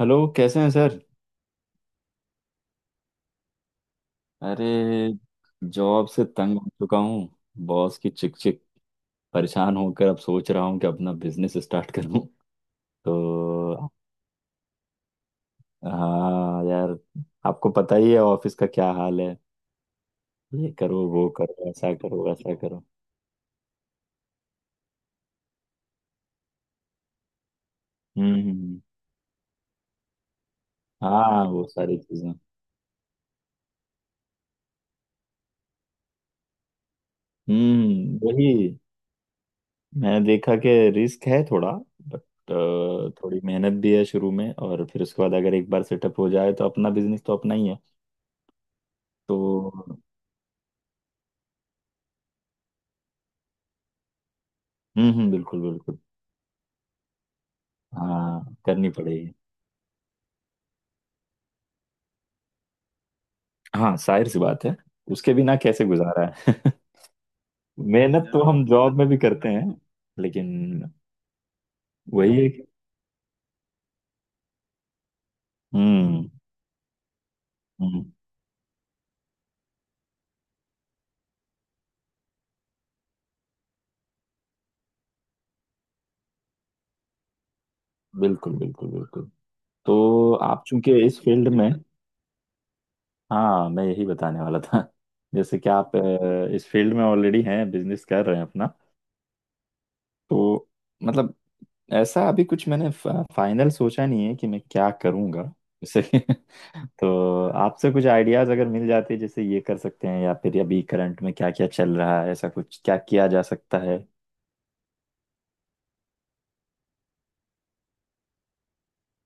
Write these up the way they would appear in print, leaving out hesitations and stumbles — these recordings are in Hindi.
हेलो, कैसे हैं सर? अरे, जॉब से तंग हो चुका हूँ। बॉस की चिक चिक, परेशान होकर अब सोच रहा हूँ कि अपना बिजनेस स्टार्ट करूँ। तो हाँ यार, आपको पता ही है ऑफिस का क्या हाल है। ये करो, वो करो, ऐसा करो, वैसा करो। हम्म हम्म, हम्म। हाँ, वो सारी चीजें। हम्म, वही। मैंने देखा कि रिस्क है थोड़ा, बट थोड़ी मेहनत भी है शुरू में, और फिर उसके बाद अगर एक बार सेटअप हो जाए तो अपना बिजनेस तो अपना ही है। तो बिल्कुल बिल्कुल। हाँ, करनी पड़ेगी। हाँ, जाहिर सी बात है। उसके बिना कैसे गुजारा है? मेहनत तो हम जॉब में भी करते हैं, लेकिन वही है कि-। हम्म हम्म, बिल्कुल बिल्कुल बिल्कुल। तो आप चूंकि इस फील्ड में। हाँ, मैं यही बताने वाला था। जैसे कि आप इस फील्ड में ऑलरेडी हैं, बिजनेस कर रहे हैं अपना। तो मतलब, ऐसा अभी कुछ मैंने फाइनल सोचा नहीं है कि मैं क्या करूँगा जैसे। तो आपसे कुछ आइडियाज अगर मिल जाते, जैसे ये कर सकते हैं, या फिर अभी करंट में क्या क्या चल रहा है, ऐसा कुछ क्या किया जा सकता है।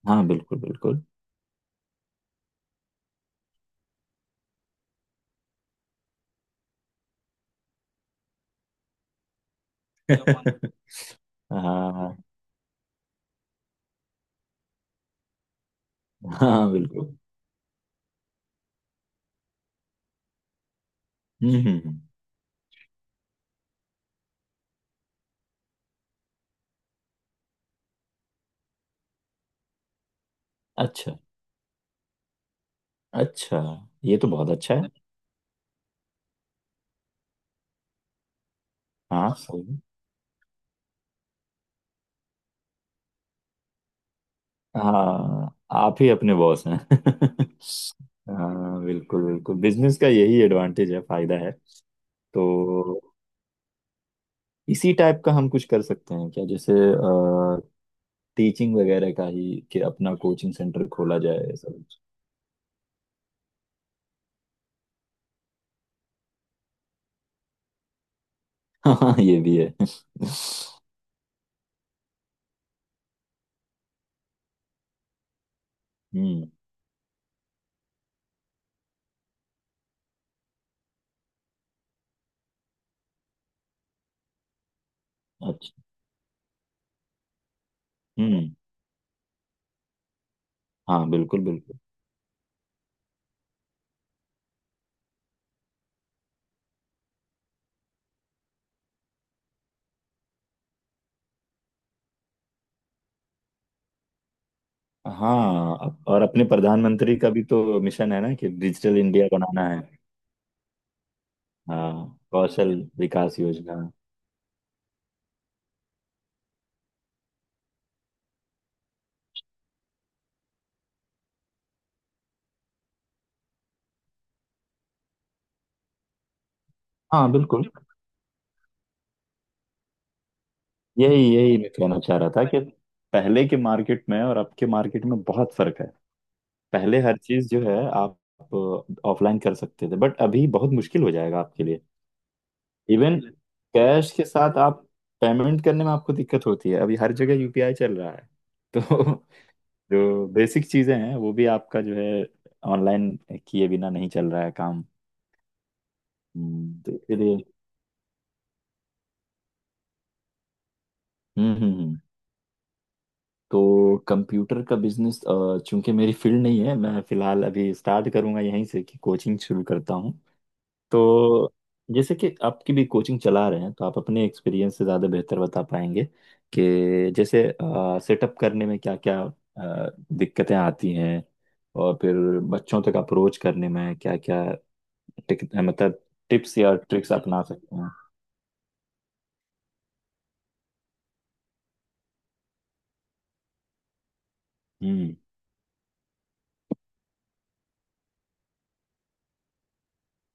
हाँ बिल्कुल बिल्कुल। हाँ हाँ, हाँ बिल्कुल। हम्म हम्म, हम्म। अच्छा, अच्छा। ये तो बहुत अच्छा है। हाँ, सही है। हाँ, आप ही अपने बॉस हैं। हाँ बिल्कुल बिल्कुल, बिजनेस का यही एडवांटेज है, फायदा है। तो इसी टाइप का हम कुछ कर सकते हैं क्या? जैसे टीचिंग वगैरह का ही, कि अपना कोचिंग सेंटर खोला जाए, ऐसा कुछ। हाँ हाँ, ये भी है। हम्म, अच्छा। हम्म, हाँ बिल्कुल बिल्कुल। हाँ, और अपने प्रधानमंत्री का भी तो मिशन है ना कि डिजिटल इंडिया बनाना है। हाँ, कौशल विकास योजना। हाँ, बिल्कुल। यही यही मैं कहना चाह रहा था, कि पहले के मार्केट में और अब के मार्केट में बहुत फर्क है। पहले हर चीज जो है आप ऑफलाइन कर सकते थे, बट अभी बहुत मुश्किल हो जाएगा आपके लिए। इवन कैश के साथ आप पेमेंट करने में आपको दिक्कत होती है, अभी हर जगह यूपीआई चल रहा है। तो जो बेसिक चीजें हैं वो भी आपका जो है, ऑनलाइन किए बिना नहीं चल रहा है काम। तो इसीलिए। हम्म हम्म हम्म। तो कंप्यूटर का बिजनेस, चूंकि मेरी फील्ड नहीं है, मैं फिलहाल अभी स्टार्ट करूंगा यहीं से कि कोचिंग शुरू करता हूँ। तो जैसे कि आपकी भी कोचिंग चला रहे हैं, तो आप अपने एक्सपीरियंस से ज़्यादा बेहतर बता पाएंगे कि जैसे सेटअप करने में क्या क्या दिक्कतें आती हैं, और फिर बच्चों तक अप्रोच करने में क्या क्या, मतलब टिप्स या ट्रिक्स अपना सकते हैं। हम्म,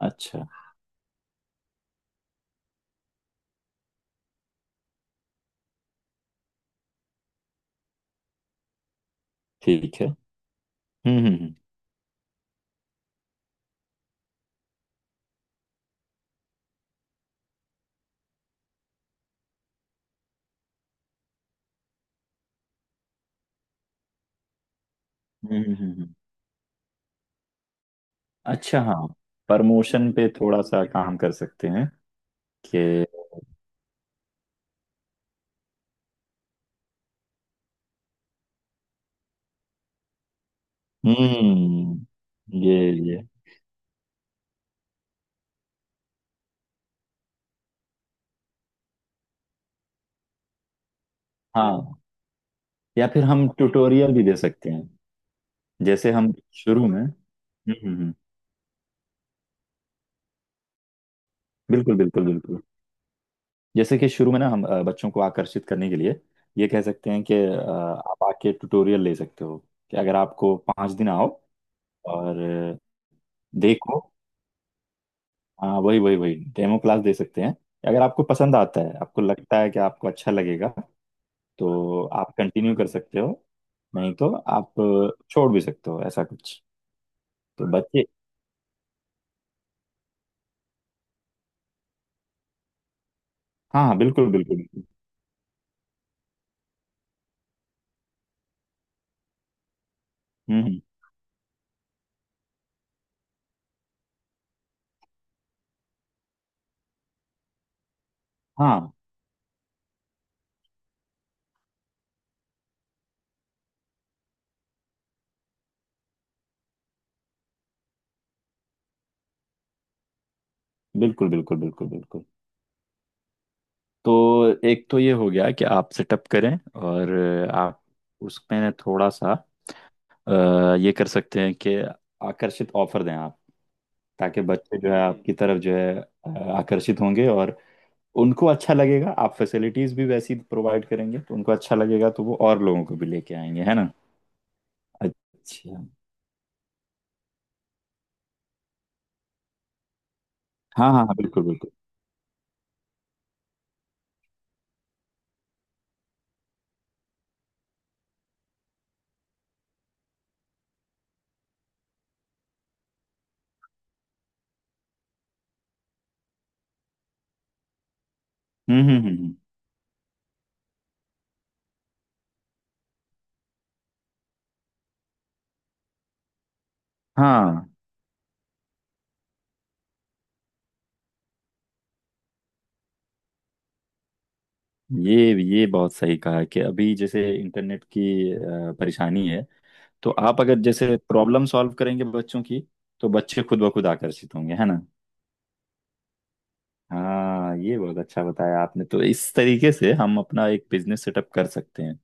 अच्छा। ठीक है। हम्म हम्म हम्म हम्म, हम्म, हम्म। अच्छा, हाँ। प्रमोशन पे थोड़ा सा काम कर सकते हैं, कि हम्म, ये ये। हाँ, या फिर हम ट्यूटोरियल भी दे सकते हैं, जैसे हम शुरू में। बिल्कुल बिल्कुल बिल्कुल। जैसे कि शुरू में ना हम बच्चों को आकर्षित करने के लिए ये कह सकते हैं कि आप आके ट्यूटोरियल ले सकते हो, कि अगर आपको 5 दिन आओ, और देखो। हाँ, वही वही वही डेमो क्लास दे सकते हैं। अगर आपको पसंद आता है, आपको लगता है कि आपको अच्छा लगेगा, तो आप कंटिन्यू कर सकते हो, नहीं तो आप छोड़ भी सकते हो, ऐसा कुछ। तो बच्चे। हाँ हाँ, बिल्कुल बिल्कुल बिल्कुल। हम्म हम्म, हाँ बिल्कुल बिल्कुल बिल्कुल बिल्कुल। तो एक तो ये हो गया कि आप सेटअप करें, और आप उसमें थोड़ा सा ये कर सकते हैं कि आकर्षित ऑफर दें आप, ताकि बच्चे जो है आपकी तरफ जो है अ, आकर्षित होंगे, और उनको अच्छा लगेगा। आप फैसिलिटीज भी वैसी प्रोवाइड करेंगे तो उनको अच्छा लगेगा, तो वो और लोगों को भी लेके आएंगे, है ना? अच्छा। हाँ हाँ हाँ, बिल्कुल बिल्कुल। हम्म हम्म हम्म हम्म। हाँ, ये ये बहुत सही कहा, कि अभी जैसे इंटरनेट की परेशानी है। तो आप अगर जैसे प्रॉब्लम सॉल्व करेंगे बच्चों की, तो बच्चे खुद ब खुद आकर्षित होंगे, है ना? हाँ, ये बहुत अच्छा बताया आपने। तो इस तरीके से हम अपना एक बिजनेस सेटअप कर सकते हैं।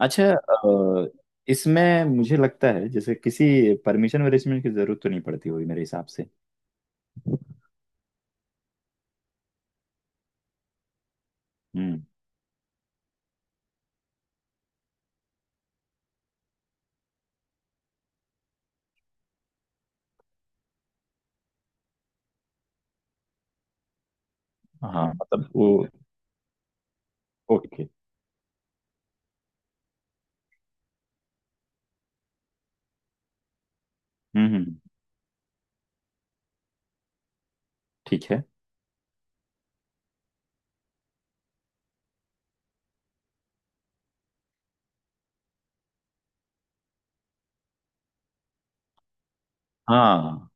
अच्छा, इसमें मुझे लगता है जैसे किसी परमिशन वरिशमेंट की जरूरत तो नहीं पड़ती होगी मेरे हिसाब से। हम्म। हाँ, मतलब वो। ओके। हम्म हम्म, ठीक है। हाँ,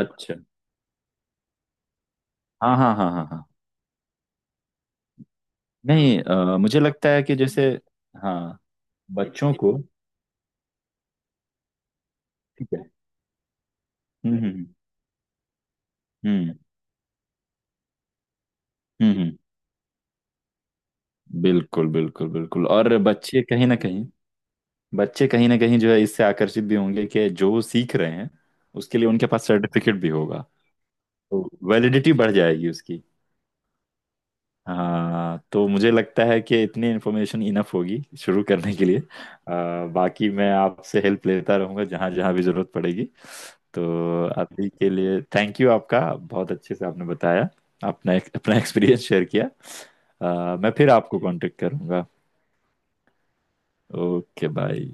अच्छा। हाँ हाँ हाँ हाँ हाँ। नहीं, मुझे लगता है कि जैसे, हाँ, बच्चों को। ठीक है। हम्म हम्म हम्म। हम्म हम्म हम्म, बिल्कुल बिल्कुल बिल्कुल, और बच्चे कहीं ना कहीं जो है, इससे आकर्षित भी होंगे कि जो वो सीख रहे हैं, उसके लिए उनके पास सर्टिफिकेट भी होगा। तो वैलिडिटी बढ़ जाएगी उसकी। हाँ, तो मुझे लगता है कि इतनी इन्फॉर्मेशन इनफ होगी शुरू करने के लिए। बाकी मैं आपसे हेल्प लेता रहूँगा, जहाँ जहाँ भी ज़रूरत पड़ेगी। तो अभी के लिए थैंक यू, आपका, बहुत अच्छे से आपने बताया, अपना अपना एक्सपीरियंस शेयर किया। मैं फिर आपको कांटेक्ट करूँगा। Okay, bye.